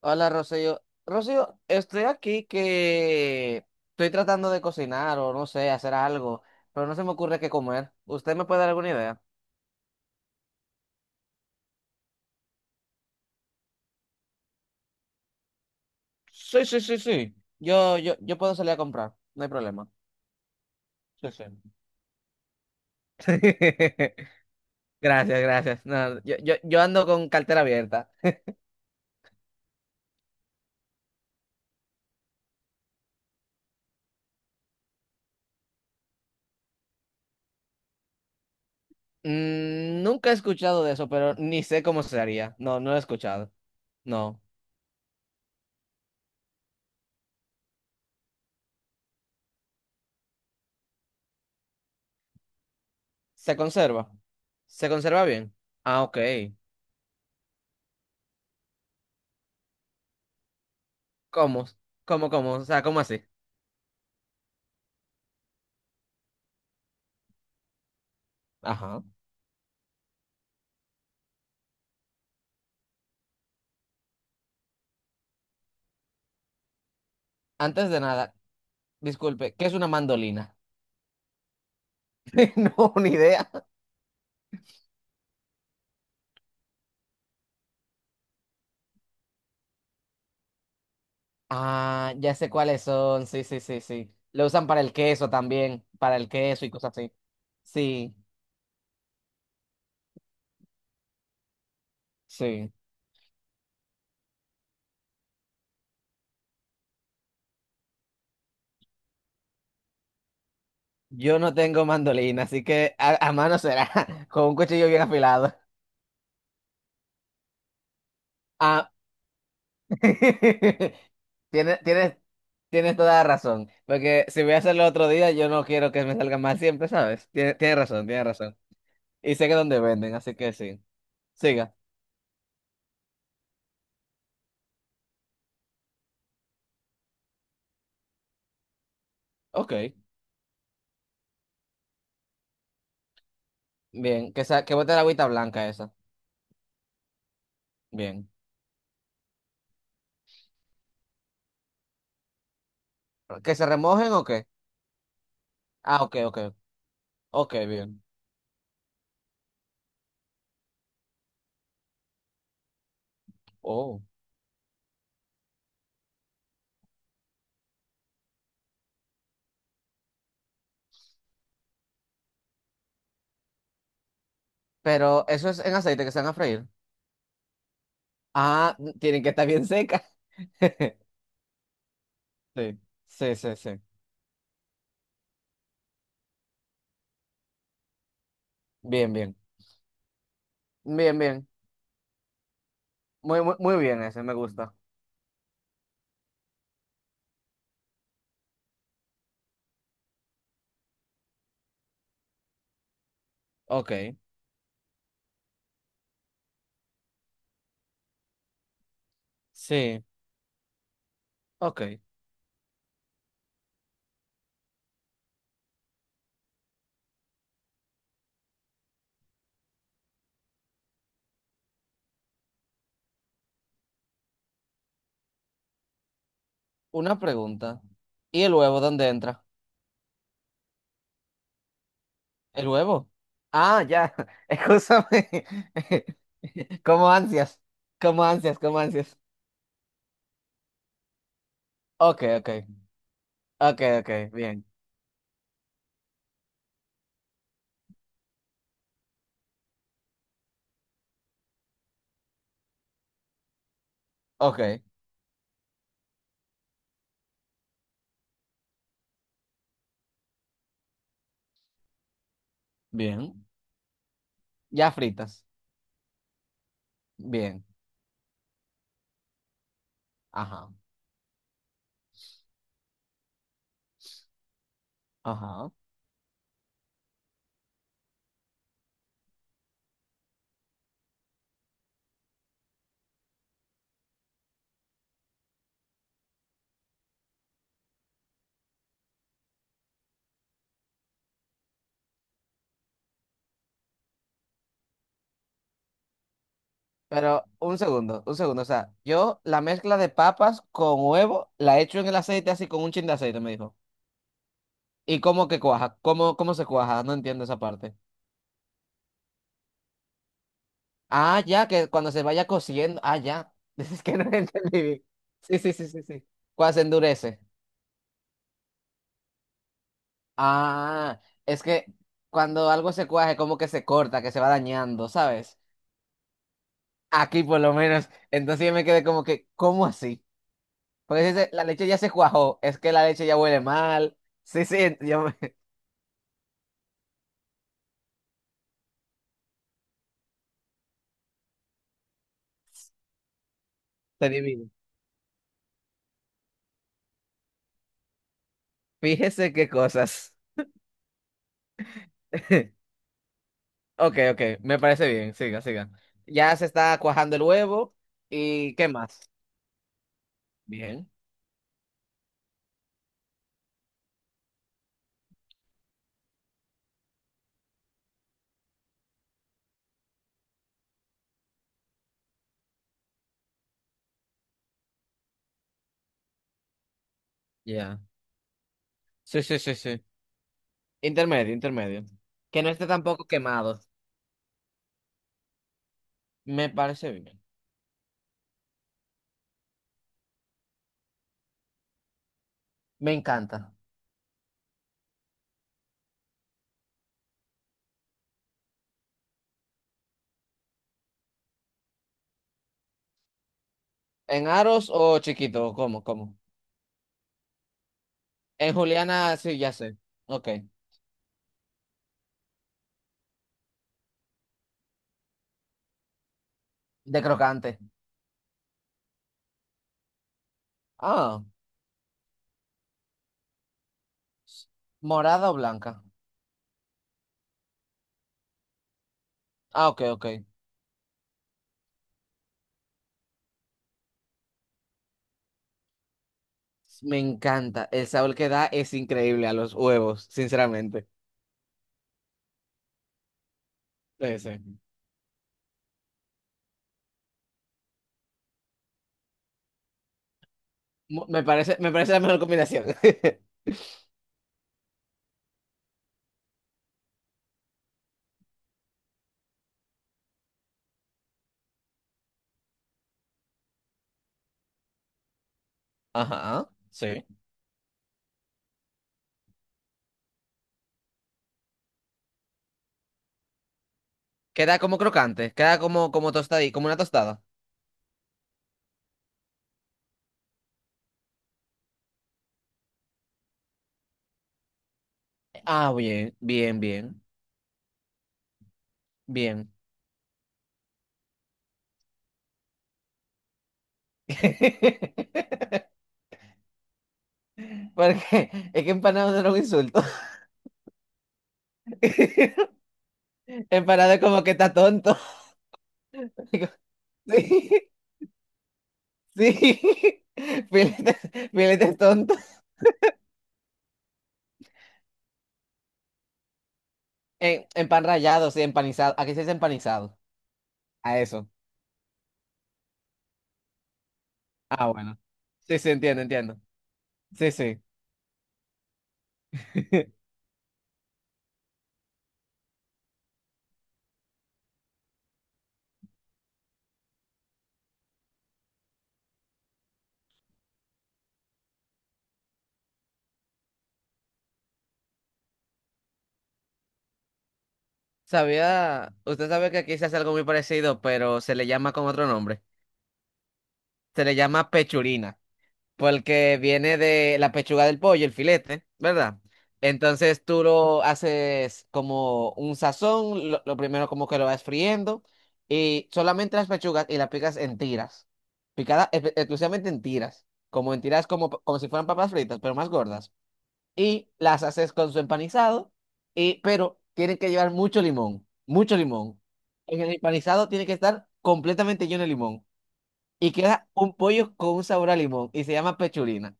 Hola, Rocío. Rocío, estoy aquí que estoy tratando de cocinar o no sé, hacer algo, pero no se me ocurre qué comer. ¿Usted me puede dar alguna idea? Sí, sí, sí, sí. Yo puedo salir a comprar, no hay problema. Sí, sí. Gracias, gracias. No, yo ando con cartera abierta. Mm, nunca he escuchado de eso, pero ni sé cómo se haría. No, no lo he escuchado. No. ¿Se conserva? ¿Se conserva bien? Ah, ok. ¿Cómo? ¿Cómo, cómo? O sea, ¿cómo así? Ajá. Antes de nada, disculpe, ¿qué es una mandolina? No, ni idea. Ah, ya sé cuáles son. Sí, sí, sí, sí. Lo usan para el queso también, para el queso y cosas así. Sí, sí. Yo no tengo mandolina, así que a mano será, con un cuchillo bien afilado. Ah, tienes, tienes, tienes toda la razón, porque si voy a hacerlo otro día, yo no quiero que me salga mal siempre, ¿sabes? Tienes, tienes razón, tienes razón. Y sé que dónde venden, así que sí. Siga. Ok. Bien, que bote la agüita blanca esa. Bien. ¿Que se remojen o qué? Ah, ok, ok. Ok, bien. Oh. Pero eso es en aceite que se van a freír. Ah, tienen que estar bien secas. Sí, sí, sí, sí. Bien, bien. Bien, bien. Muy, muy, muy bien ese, me gusta. Ok, sí, ok. Una pregunta. ¿Y el huevo dónde entra? ¿El huevo? Ah, ya. Excúsame. Como ansias. Como ansias, como ansias. Ok, ok. Ok, ok, bien. Ok, bien. Ya fritas. Bien. Ajá, ajá. Pero un segundo, un segundo. O sea, yo la mezcla de papas con huevo la echo en el aceite así con un chin de aceite, me dijo. ¿Y cómo que cuaja? ¿Cómo, cómo se cuaja? No entiendo esa parte. Ah, ya, que cuando se vaya cociendo. Ah, ya. Es que no entendí bien. Sí, sí, sí, sí, sí. Cuando se endurece. Ah, es que cuando algo se cuaje, como que se corta, que se va dañando, ¿sabes? Aquí por lo menos. Entonces yo me quedé como que, ¿cómo así? Porque si se- la leche ya se cuajó, es que la leche ya huele mal. Sí, sí, yo me... Te adivino. Fíjese qué cosas. Ok, ok, me parece bien, siga, siga. Ya se está cuajando el huevo y ¿qué más? Bien, ya. Sí, sí, sí, sí. Intermedio, intermedio. Que no esté tampoco quemado. Me parece bien. Me encanta. ¿En aros o chiquito? ¿Cómo, cómo? En juliana, sí, ya sé. Ok. De crocante. Ah, morada o blanca. Ah, ok, ok. Me encanta. El sabor que da es increíble a los huevos, sinceramente. Sí, sí. Mu- me parece la mejor combinación. Ajá, sí. Queda como crocante, queda como, como tostadí, como una tostada. Ah, bien, bien, bien, bien. Porque es que empanado no era un insulto. Empanado es como que está tonto. Sí, sí. Filete, filete es tonto. En pan rallado, sí, empanizado. Aquí se dice empanizado. A eso. Ah, bueno. Sí, sí, entiendo, entiendo. Sí, sí. Sabía, usted sabe que aquí se hace algo muy parecido, pero se le llama con otro nombre. Se le llama pechurina. Porque viene de la pechuga del pollo, el filete, ¿verdad? Entonces tú lo haces como un sazón, lo primero como que lo vas friendo y solamente las pechugas y las picas en tiras, picadas espe- exclusivamente en tiras como, como si fueran papas fritas, pero más gordas. Y las haces con su empanizado, y, pero tienen que llevar mucho limón, mucho limón. En el empanizado tiene que estar completamente lleno de limón y queda un pollo con un sabor a limón y se llama pechurina.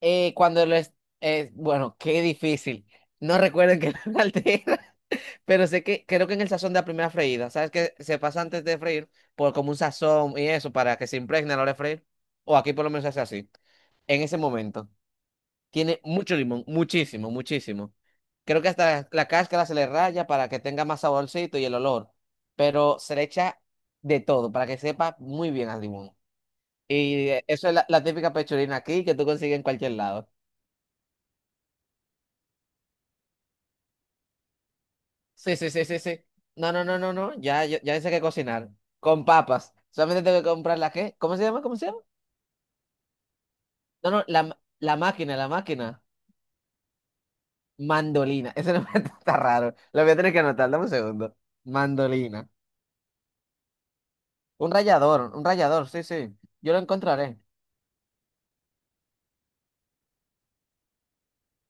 Cuando les... bueno, qué difícil. No recuerden que no altera, pero sé que creo que en el sazón de la primera freída, ¿sabes que Se pasa antes de freír por como un sazón y eso para que se impregne a la hora de freír. O aquí por lo menos se hace así. En ese momento. Tiene mucho limón, muchísimo, muchísimo. Creo que hasta la cáscara se le raya para que tenga más saborcito y el olor. Pero se le echa de todo para que sepa muy bien al limón. Y eso es la, la típica pechurina aquí que tú consigues en cualquier lado. Sí, sí, sí, sí, sí. No, no, no, no, no. Ya, ya, ya sé qué cocinar. Con papas. Solamente tengo que comprar la qué. ¿Cómo se llama? ¿Cómo se llama? No, no, la, ma- la máquina, la máquina. Mandolina. Ese nombre está raro. Lo voy a tener que anotar. Dame un segundo. Mandolina. Un rallador, sí, sí. Yo lo encontraré.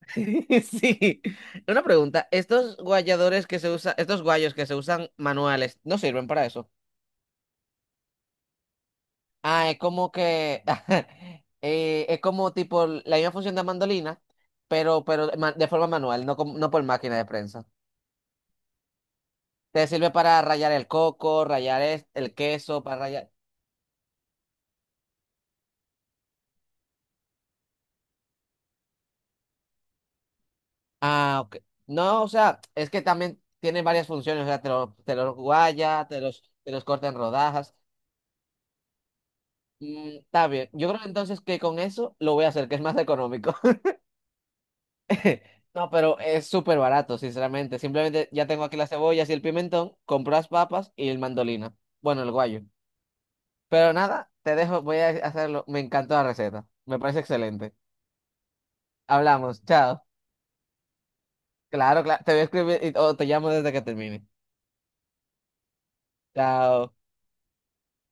Sí. Una pregunta. Estos guayadores que se usan, estos guayos que se usan manuales, ¿no sirven para eso? Ah, es como que es como tipo la misma función de mandolina, pero ma- de forma manual, no, como- no por máquina de prensa. Te sirve para rallar el coco, rallar es- el queso, para rallar. Ah, ok. No, o sea, es que también tiene varias funciones, o sea, te los guaya, te los corta en rodajas. Mm, está bien. Yo creo entonces que con eso lo voy a hacer, que es más económico. No, pero es súper barato, sinceramente. Simplemente ya tengo aquí las cebollas y el pimentón, compro las papas y el mandolina. Bueno, el guayo. Pero nada, te dejo, voy a hacerlo. Me encantó la receta. Me parece excelente. Hablamos, chao. Claro, claro. Te voy a escribir y- o te llamo desde que termine. Chao.